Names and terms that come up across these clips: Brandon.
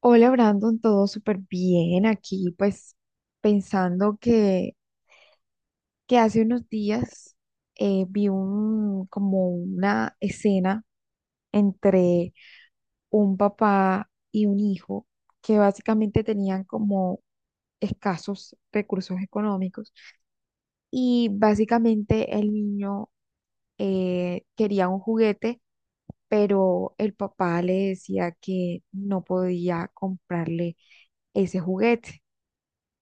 Hola Brandon, todo súper bien aquí, pues pensando que hace unos días vi como una escena entre un papá y un hijo que básicamente tenían como escasos recursos económicos y básicamente el niño quería un juguete, pero el papá le decía que no podía comprarle ese juguete.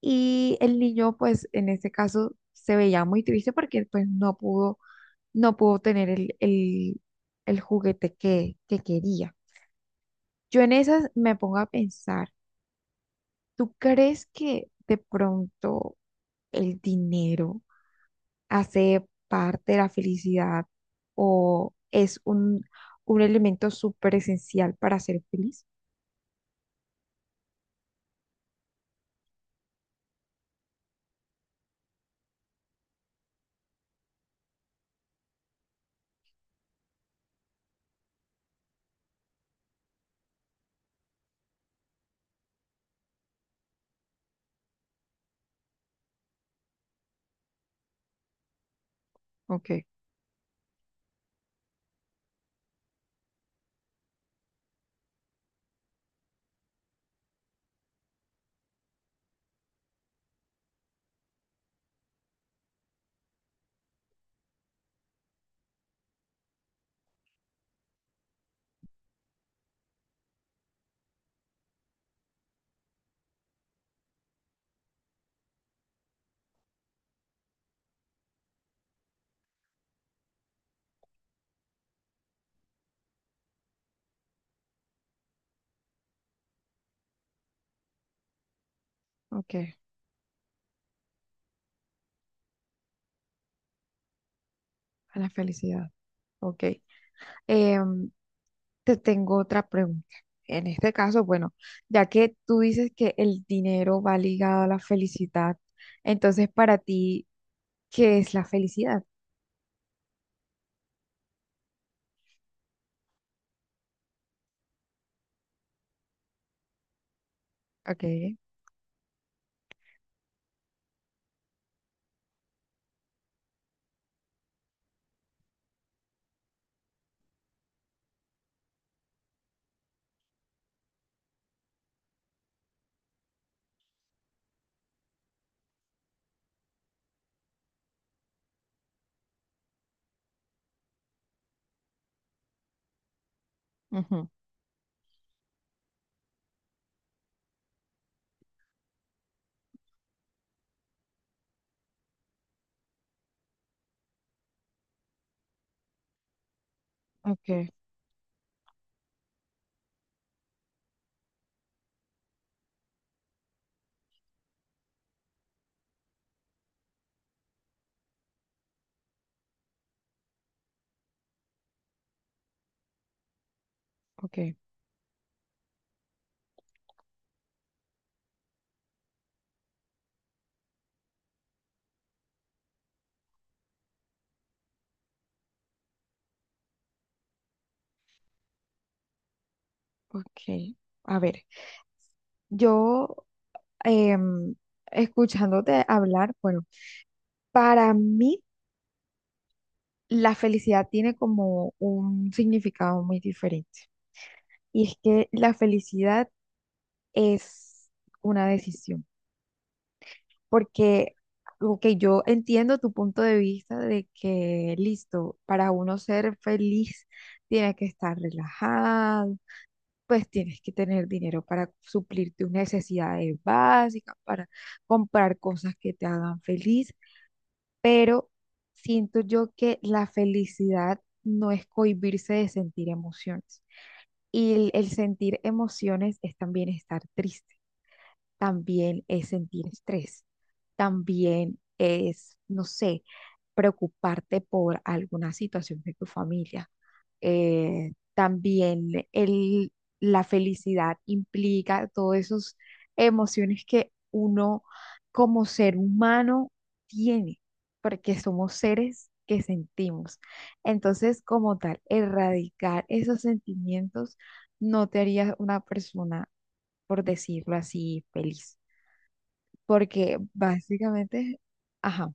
Y el niño, pues en este caso, se veía muy triste porque pues no pudo tener el juguete que quería. Yo en esas me pongo a pensar, ¿tú crees que de pronto el dinero hace parte de la felicidad o es un elemento súper esencial para ser feliz? Ok. Ok, a la felicidad. Ok. Em, Te tengo otra pregunta. En este caso, bueno, ya que tú dices que el dinero va ligado a la felicidad, entonces para ti, ¿qué es la felicidad? Ok. Ujú. Ok. Ok. Ok, a ver, yo em, escuchándote hablar, bueno, para mí la felicidad tiene como un significado muy diferente. Y es que la felicidad es una decisión. Porque, ok, yo entiendo tu punto de vista de que, listo, para uno ser feliz tienes que estar relajado, pues tienes que tener dinero para suplir tus necesidades básicas, para comprar cosas que te hagan feliz, pero siento yo que la felicidad no es cohibirse de sentir emociones. Y el sentir emociones es también estar triste, también es sentir estrés, también es, no sé, preocuparte por alguna situación de tu familia. También el, la felicidad implica todas esas emociones que uno como ser humano tiene, porque somos seres que sentimos. Entonces, como tal, erradicar esos sentimientos no te haría una persona, por decirlo así, feliz porque básicamente, ajá,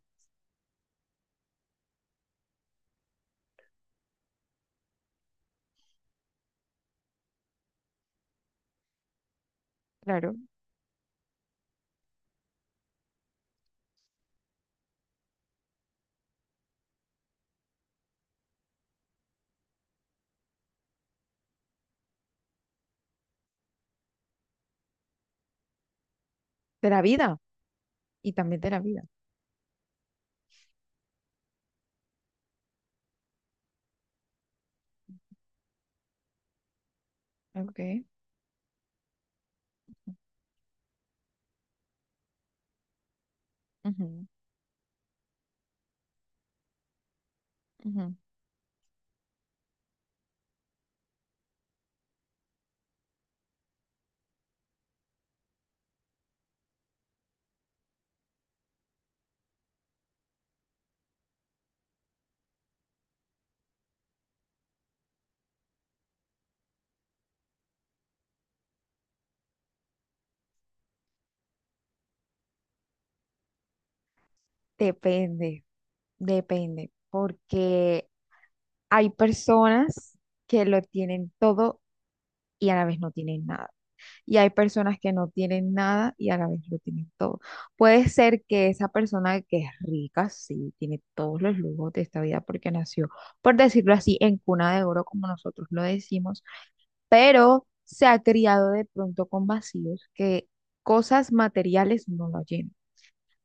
claro, de la vida y también de la vida. Okay. Ujú, ujú. Depende, depende, porque hay personas que lo tienen todo y a la vez no tienen nada. Y hay personas que no tienen nada y a la vez lo tienen todo. Puede ser que esa persona que es rica, sí, tiene todos los lujos de esta vida porque nació, por decirlo así, en cuna de oro, como nosotros lo decimos, pero se ha criado de pronto con vacíos que cosas materiales no lo llenan.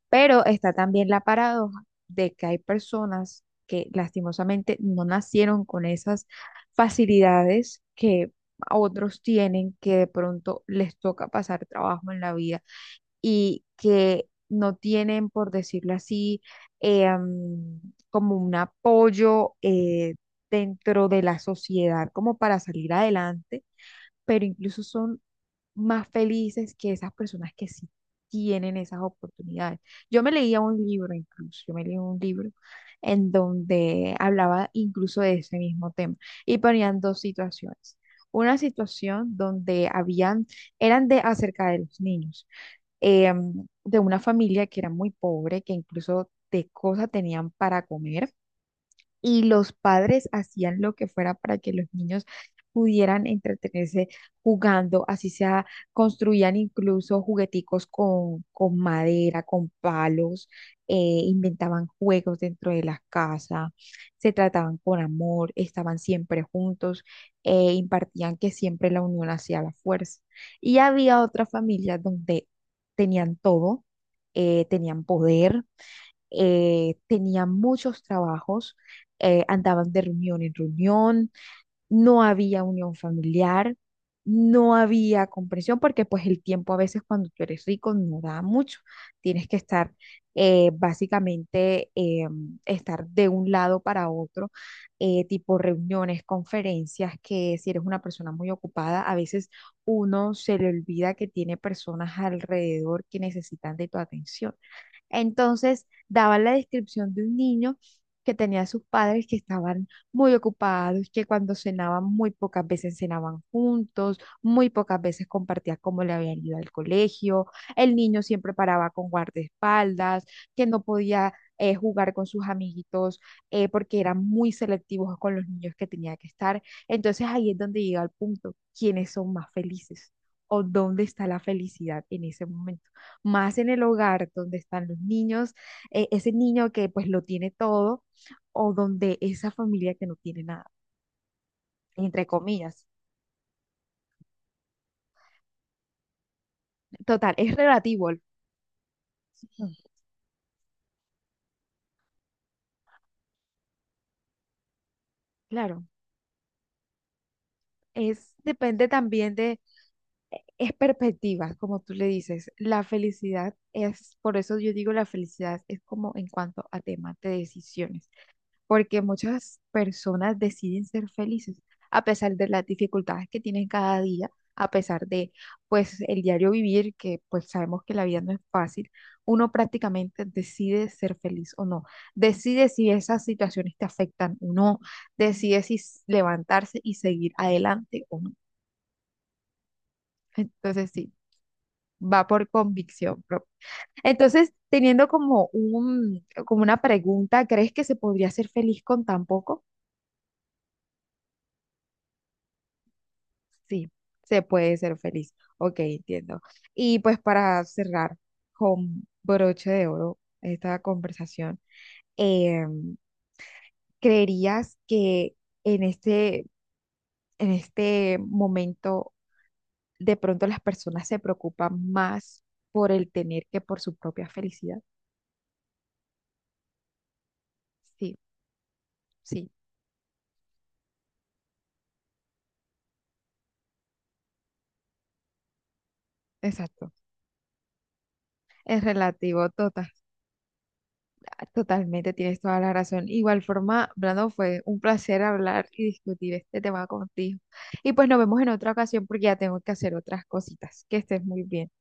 Pero está también la paradoja de que hay personas que lastimosamente no nacieron con esas facilidades que otros tienen, que de pronto les toca pasar trabajo en la vida y que no tienen, por decirlo así, eh, mm, como un apoyo dentro de la sociedad como para salir adelante, pero incluso son más felices que esas personas que sí tienen esas oportunidades. Yo me leía un libro en donde hablaba incluso de ese mismo tema y ponían dos situaciones. Una situación donde habían, eran de acerca de los niños, eh, de una familia que era muy pobre, que incluso de cosas tenían para comer y los padres hacían lo que fuera para que los niños pudieran entretenerse jugando, así sea, construían incluso jugueticos con madera, con palos, eh, inventaban juegos dentro de la casa, se trataban con amor, estaban siempre juntos, impartían que siempre la unión hacía la fuerza. Y había otras familias donde tenían todo, tenían poder, tenía muchos trabajos, andaban de reunión en reunión, no había unión familiar, no había comprensión, porque pues el tiempo a veces cuando tú eres rico no da mucho, tienes que estar eh, básicamente, eh, estar de un lado para otro, tipo reuniones, conferencias, que si eres una persona muy ocupada, a veces uno se le olvida que tiene personas alrededor que necesitan de tu atención. Entonces, daban la descripción de un niño que tenía a sus padres que estaban muy ocupados, que cuando cenaban muy pocas veces cenaban juntos, muy pocas veces compartía cómo le habían ido al colegio, el niño siempre paraba con guardaespaldas, que no podía jugar con sus amiguitos, porque eran muy selectivos con los niños que tenía que estar. Entonces ahí es donde llega el punto, ¿quiénes son más felices? ¿O dónde está la felicidad en ese momento? Más en el hogar donde están los niños, ese niño que pues lo tiene todo, o donde esa familia que no tiene nada, entre comillas. Total, es relativo. Ujú. Claro, es depende también de, es perspectiva, como tú le dices. La felicidad es, por eso yo digo la felicidad es como en cuanto a temas de decisiones. Porque muchas personas deciden ser felices a pesar de las dificultades que tienen cada día, a pesar de pues el diario vivir, que pues sabemos que la vida no es fácil, uno prácticamente decide ser feliz o no, decide si esas situaciones te afectan o no, decide si s- levantarse y seguir adelante o no. Entonces sí, va por convicción propia. Entonces, teniendo como como una pregunta, ¿crees que se podría ser feliz con tan poco? Sí, se puede ser feliz. Ok, entiendo. Y pues para cerrar con broche de oro esta conversación, eh, ¿creerías que en este, en este momento de pronto las personas se preocupan más por el tener que por su propia felicidad? Sí, sí, exacto. Es relativo total. Totalmente, tienes toda la razón. Igual forma, Brando, fue un placer hablar y discutir este tema contigo. Y pues nos vemos en otra ocasión porque ya tengo que hacer otras cositas. Que estés muy bien.